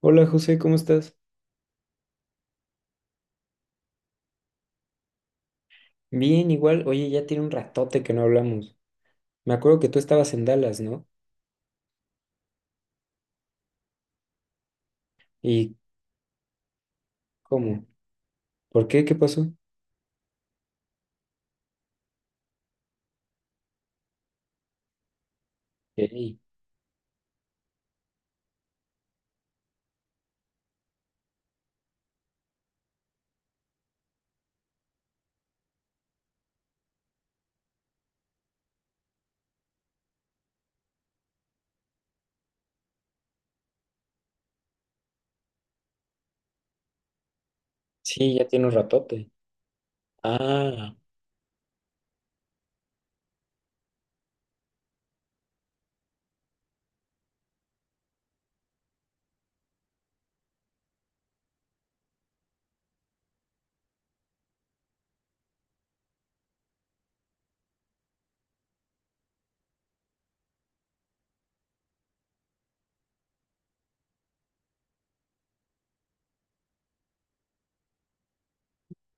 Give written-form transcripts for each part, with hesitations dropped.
Hola José, ¿cómo estás? Bien, igual. Oye, ya tiene un ratote que no hablamos. Me acuerdo que tú estabas en Dallas, ¿no? ¿Y cómo? ¿Por qué? ¿Qué pasó? Ey, sí, ya tiene un ratote. Ah,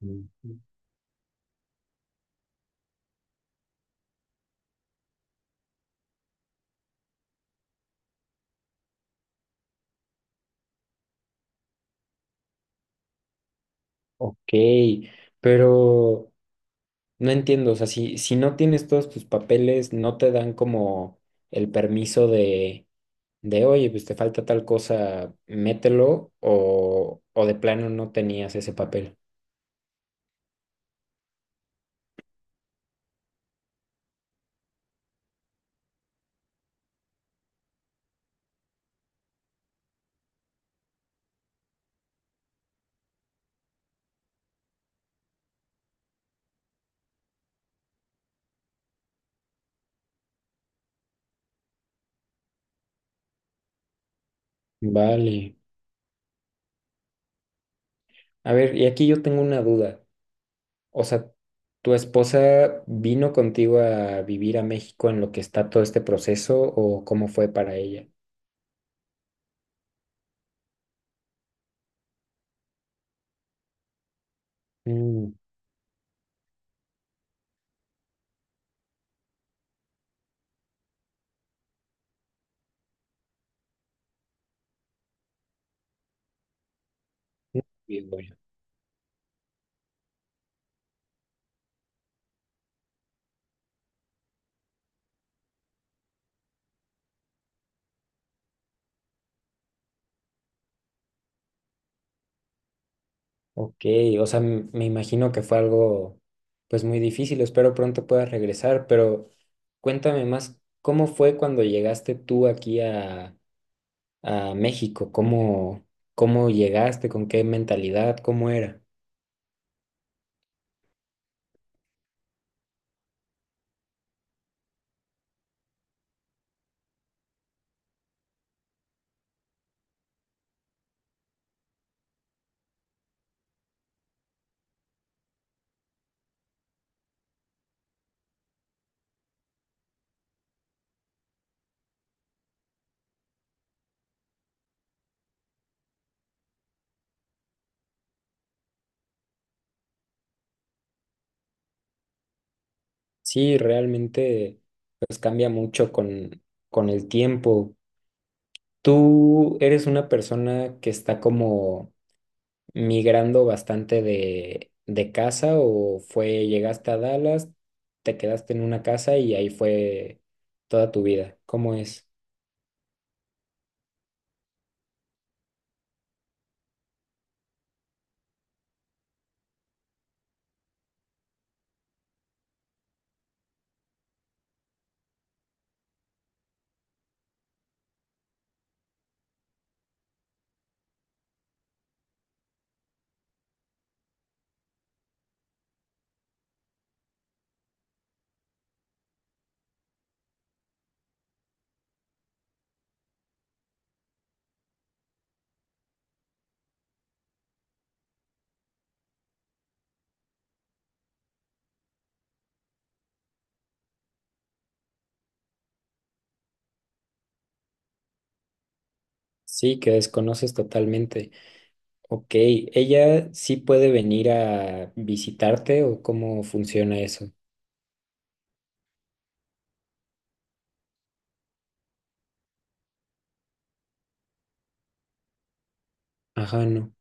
ujú, ok. Pero no entiendo, o sea, si no tienes todos tus papeles, no te dan como el permiso oye, pues te falta tal cosa, mételo, o de plano no tenías ese papel. Vale. A ver, y aquí yo tengo una duda. O sea, ¿tu esposa vino contigo a vivir a México en lo que está todo este proceso o cómo fue para ella? Mm, no, bien, bueno. Ok, o sea, me imagino que fue algo pues muy difícil. Espero pronto puedas regresar, pero cuéntame más, ¿cómo fue cuando llegaste tú aquí a México? ¿Cómo, cómo llegaste? ¿Con qué mentalidad? ¿Cómo era? Sí, realmente pues cambia mucho con el tiempo. Tú eres una persona que está como migrando bastante de casa o fue, llegaste a Dallas, te quedaste en una casa y ahí fue toda tu vida. ¿Cómo es? Sí, que desconoces totalmente. Ok, ¿ella sí puede venir a visitarte o cómo funciona eso? Ajá, no.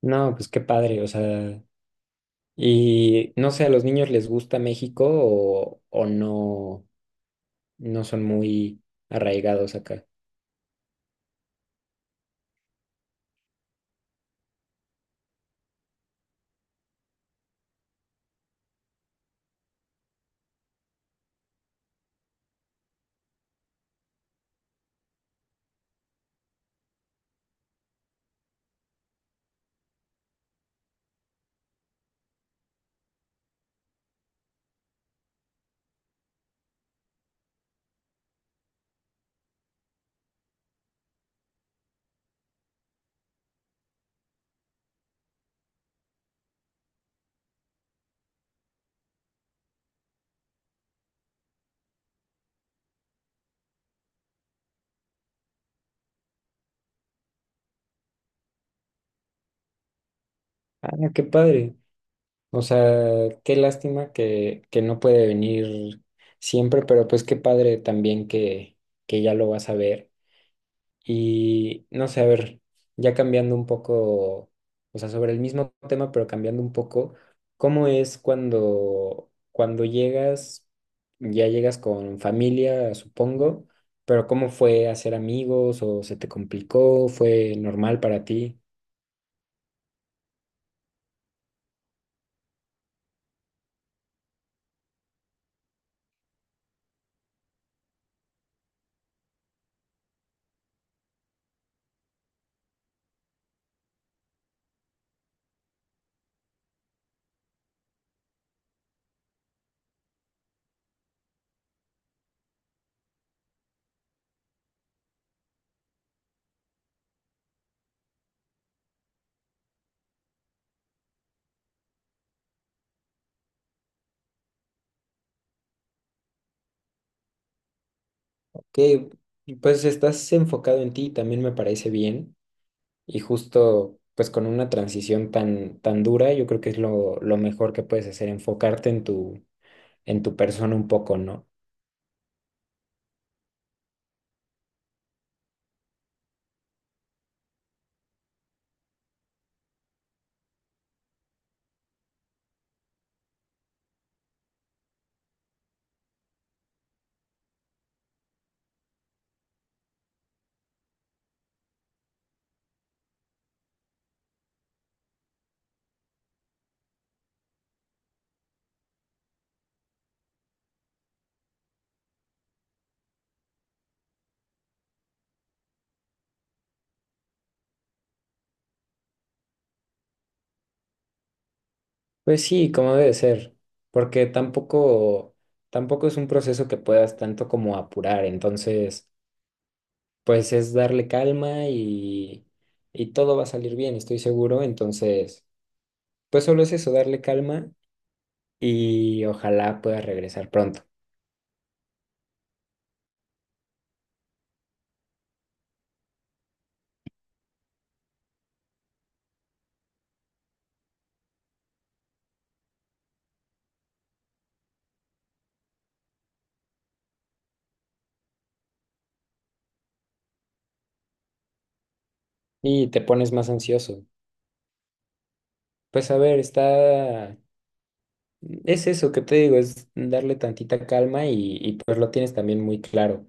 No, pues qué padre, o sea, y no sé, ¿a los niños les gusta México o no? No son muy arraigados acá. Ah, qué padre. O sea, qué lástima que no puede venir siempre, pero pues qué padre también que ya lo vas a ver. Y no sé, a ver, ya cambiando un poco, o sea, sobre el mismo tema, pero cambiando un poco, ¿cómo es cuando, cuando llegas, ya llegas con familia, supongo, pero cómo fue hacer amigos o se te complicó, fue normal para ti? Que pues estás enfocado en ti, también me parece bien. Y justo pues con una transición tan, tan dura, yo creo que es lo mejor que puedes hacer, enfocarte en tu persona un poco, ¿no? Pues sí, como debe ser, porque tampoco, tampoco es un proceso que puedas tanto como apurar. Entonces, pues es darle calma y todo va a salir bien, estoy seguro. Entonces, pues solo es eso, darle calma y ojalá puedas regresar pronto. Y te pones más ansioso. Pues a ver, está... Es eso que te digo, es darle tantita calma y pues lo tienes también muy claro.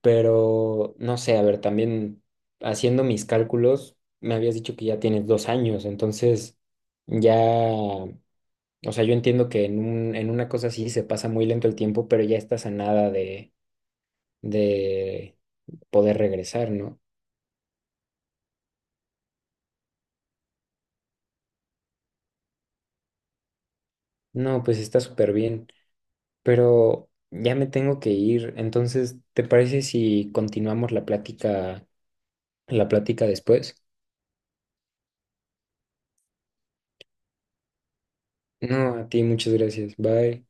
Pero no sé, a ver, también haciendo mis cálculos, me habías dicho que ya tienes 2 años, entonces ya, o sea, yo entiendo que en un, en una cosa así se pasa muy lento el tiempo, pero ya estás a nada de, de poder regresar, ¿no? No, pues está súper bien. Pero ya me tengo que ir. Entonces, ¿te parece si continuamos la plática después? No, a ti muchas gracias. Bye.